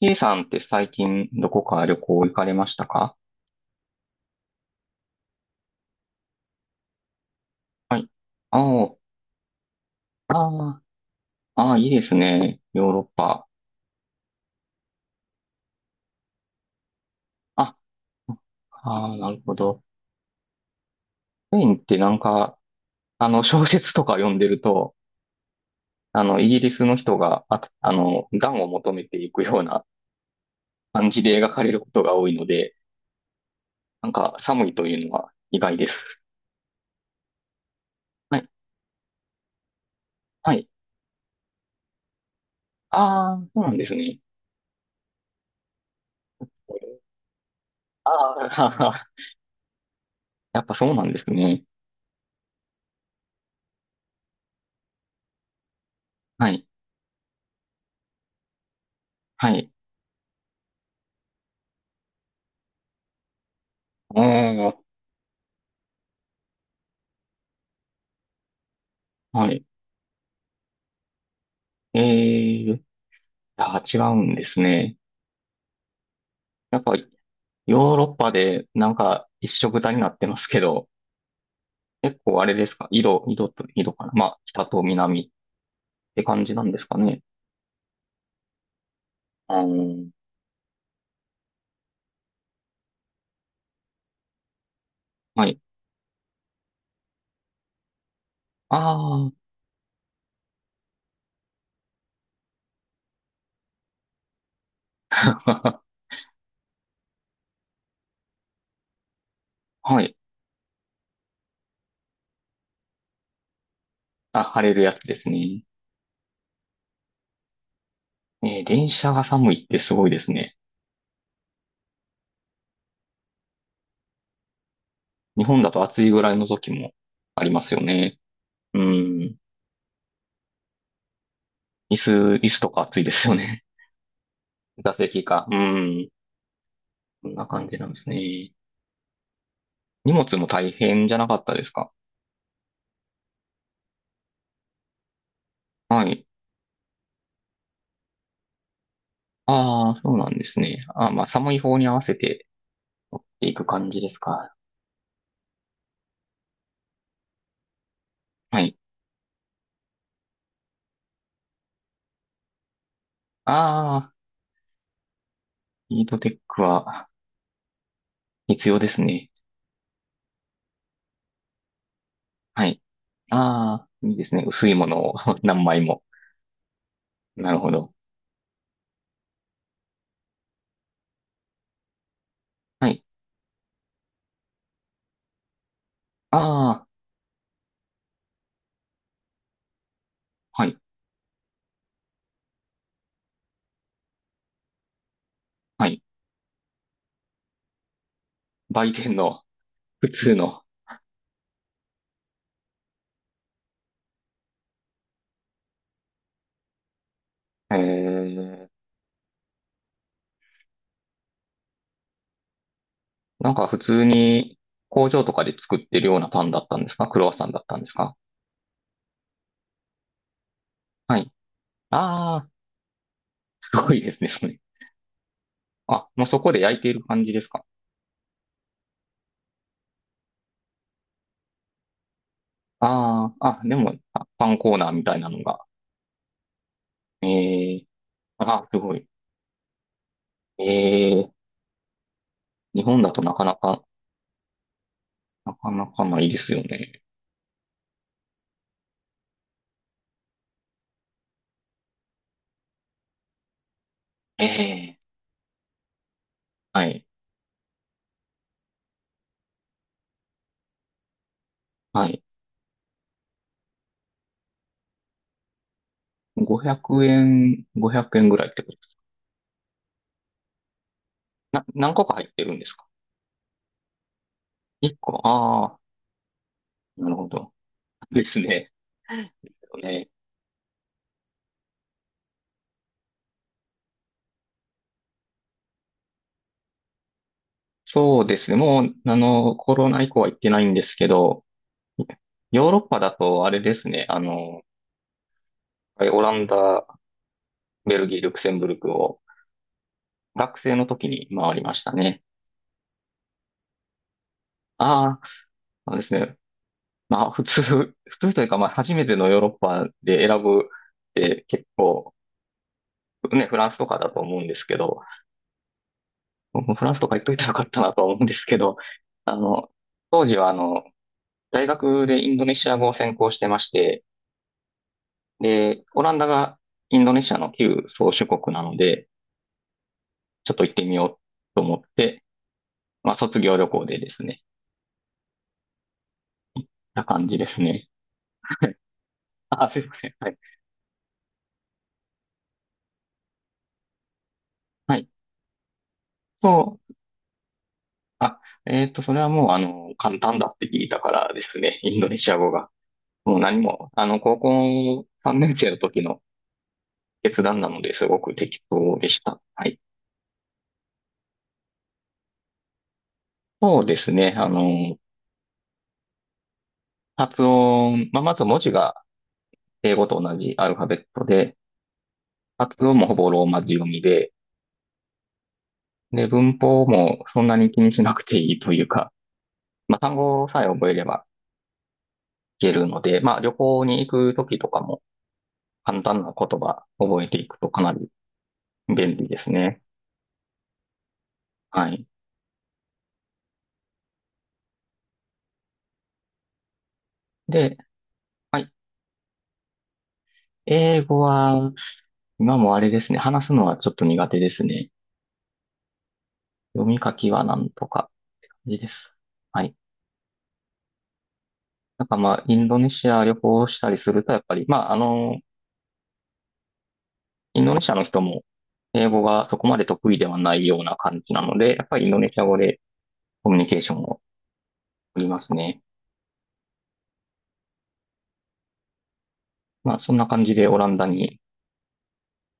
K さんって最近どこか旅行行かれましたか？はい。あ、あーいいですね。ヨーロッパ。あ、ああ、なるほど。スペインってなんか、小説とか読んでると、イギリスの人が、暖を求めていくような感じで描かれることが多いので、なんか寒いというのは意外です。はい。はい。ああ、そうなんですね。ああ、やっぱそうなんですね。はい。はい。おー、はい。ええ、あ、違うんですね。やっぱヨーロッパでなんか一緒くたになってますけど、結構あれですか？色、色と色かな、まあ、北と南って感じなんですかね。あー、はい。ああ、はい。あ、晴れるやつですね。えー、電車が寒いってすごいですね。日本だと暑いぐらいの時もありますよね。うん。椅子、椅子とか暑いですよね。座席か。うん。こんな感じなんですね。荷物も大変じゃなかったですか？はい。ああ、そうなんですね。あー、まあ、寒い方に合わせて持っていく感じですか。はい。ああ、ヒートテックは必要ですね。はい。ああ、いいですね。薄いものを 何枚も。なるほど。はい。ああ、はい。はい。売店の普通の。えー、なんか普通に工場とかで作ってるようなパンだったんですか？クロワッサンだったんですか？はい。ああ、すごいですね。あ、もうそこで焼いている感じですか。ああ、あ、でも、あ、パンコーナーみたいなのが。ええ、あ、すごい。ええ、日本だとなかなか、なかなかないですよね。ええ、はい、はい。500円、500円ぐらいってことです。な、何個か入ってるんですか？ 1 個。ああ、なるほど。ですね。ね。そうですね。もう、コロナ以降は行ってないんですけど、ヨーロッパだとあれですね。オランダ、ベルギー、ルクセンブルクを学生の時に回りましたね。ああ、そうですね。まあ、普通、普通というか、まあ、初めてのヨーロッパで選ぶって結構、ね、フランスとかだと思うんですけど、僕もフランスとか行っといたらよかったなとは思うんですけど、あの、当時は、大学でインドネシア語を専攻してまして、で、オランダがインドネシアの旧宗主国なので、ちょっと行ってみようと思って、まあ、卒業旅行でですね、な感じですね。あ、すいません。はい。はい。そうあ、それはもう、簡単だって聞いたからですね、インドネシア語が。もう何も、高校3年生の時の決断なのですごく適当でした。はい。そうですね、発音、まあ、まず文字が英語と同じアルファベットで、発音もほぼローマ字読みで、で、文法もそんなに気にしなくていいというか、まあ、単語さえ覚えればいけるので、まあ、旅行に行く時とかも簡単な言葉覚えていくとかなり便利ですね。はい。で、はい。英語は、今もあれですね。話すのはちょっと苦手ですね。読み書きはなんとか、感じです。はい。なんかまあ、インドネシア旅行したりすると、やっぱり、インドネシアの人も、英語がそこまで得意ではないような感じなので、やっぱりインドネシア語でコミュニケーションを取りますね。まあ、そんな感じでオランダに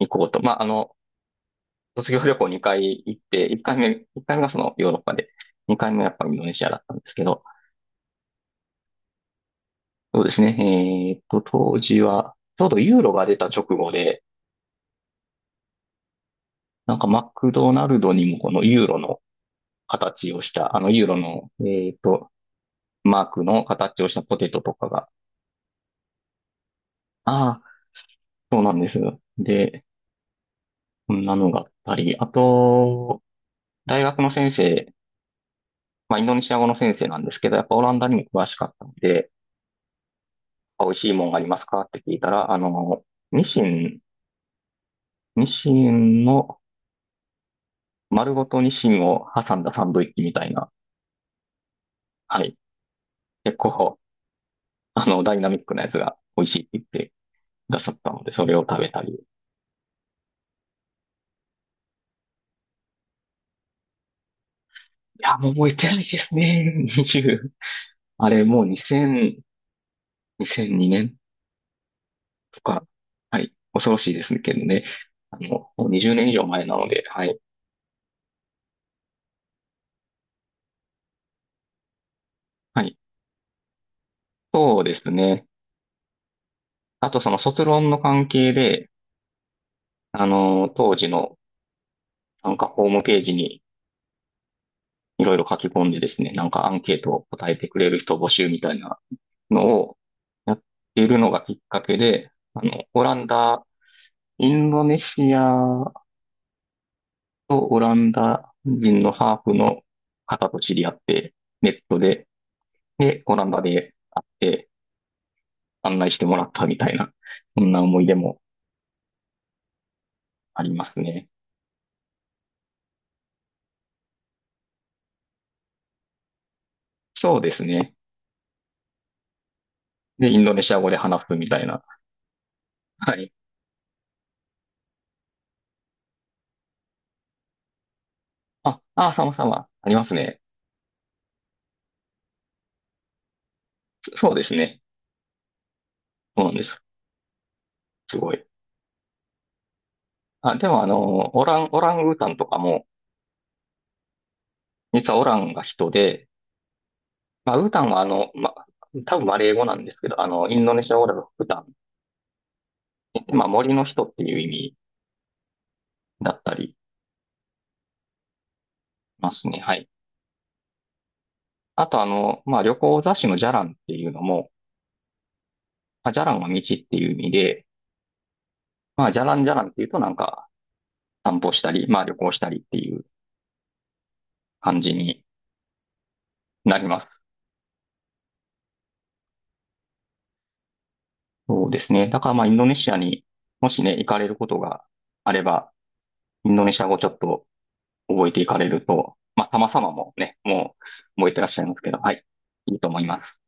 行こうと。卒業旅行2回行って、1回目、1回がそのヨーロッパで、2回目はやっぱりインドネシアだったんですけど、そうですね。当時は、ちょうどユーロが出た直後で、なんかマクドナルドにもこのユーロの形をした、あのユーロの、ーっと、マークの形をしたポテトとかが、ああ、そうなんです。で、こんなのがあったり、あと、大学の先生、まあ、インドネシア語の先生なんですけど、やっぱオランダにも詳しかったので、美味しいもんがありますかって聞いたら、ニシン、ニシンの丸ごとニシンを挟んだサンドイッチみたいな、はい、結構、ダイナミックなやつが美味しいって言ってくださったので、それを食べたり。いや、もう覚えてないですね。20。あれ、もう2000、2002年とか。はい。恐ろしいですけどね。もう20年以上前なので、はい。はい。そうですね。あと、その卒論の関係で、当時の、なんかホームページにいろいろ書き込んでですね、なんかアンケートを答えてくれる人募集みたいなのをやっているのがきっかけで、あの、オランダ、インドネシアとオランダ人のハーフの方と知り合って、ネットで、で、オランダで会って案内してもらったみたいな、そんな思い出もありますね。そうですね。で、インドネシア語で話すみたいな。はい。あ、あ、様々ありますね。そ、そうですね。そうなんです。すごい。あ、でもあの、オランウータンとかも、実はオランが人で、まあ、ウタンは多分マレー語なんですけど、インドネシア語だとウタン、まあ、森の人っていう意味だったりますね。はい。あとあの、まあ、旅行雑誌のジャランっていうのも、まあ、ジャランは道っていう意味で、まあ、ジャランジャランっていうとなんか散歩したり、まあ、旅行したりっていう感じになります。そうですね。だからまあ、インドネシアにもしね、行かれることがあれば、インドネシア語ちょっと覚えていかれると、まあ、様々もね、もう覚えてらっしゃいますけど、はい、いいと思います。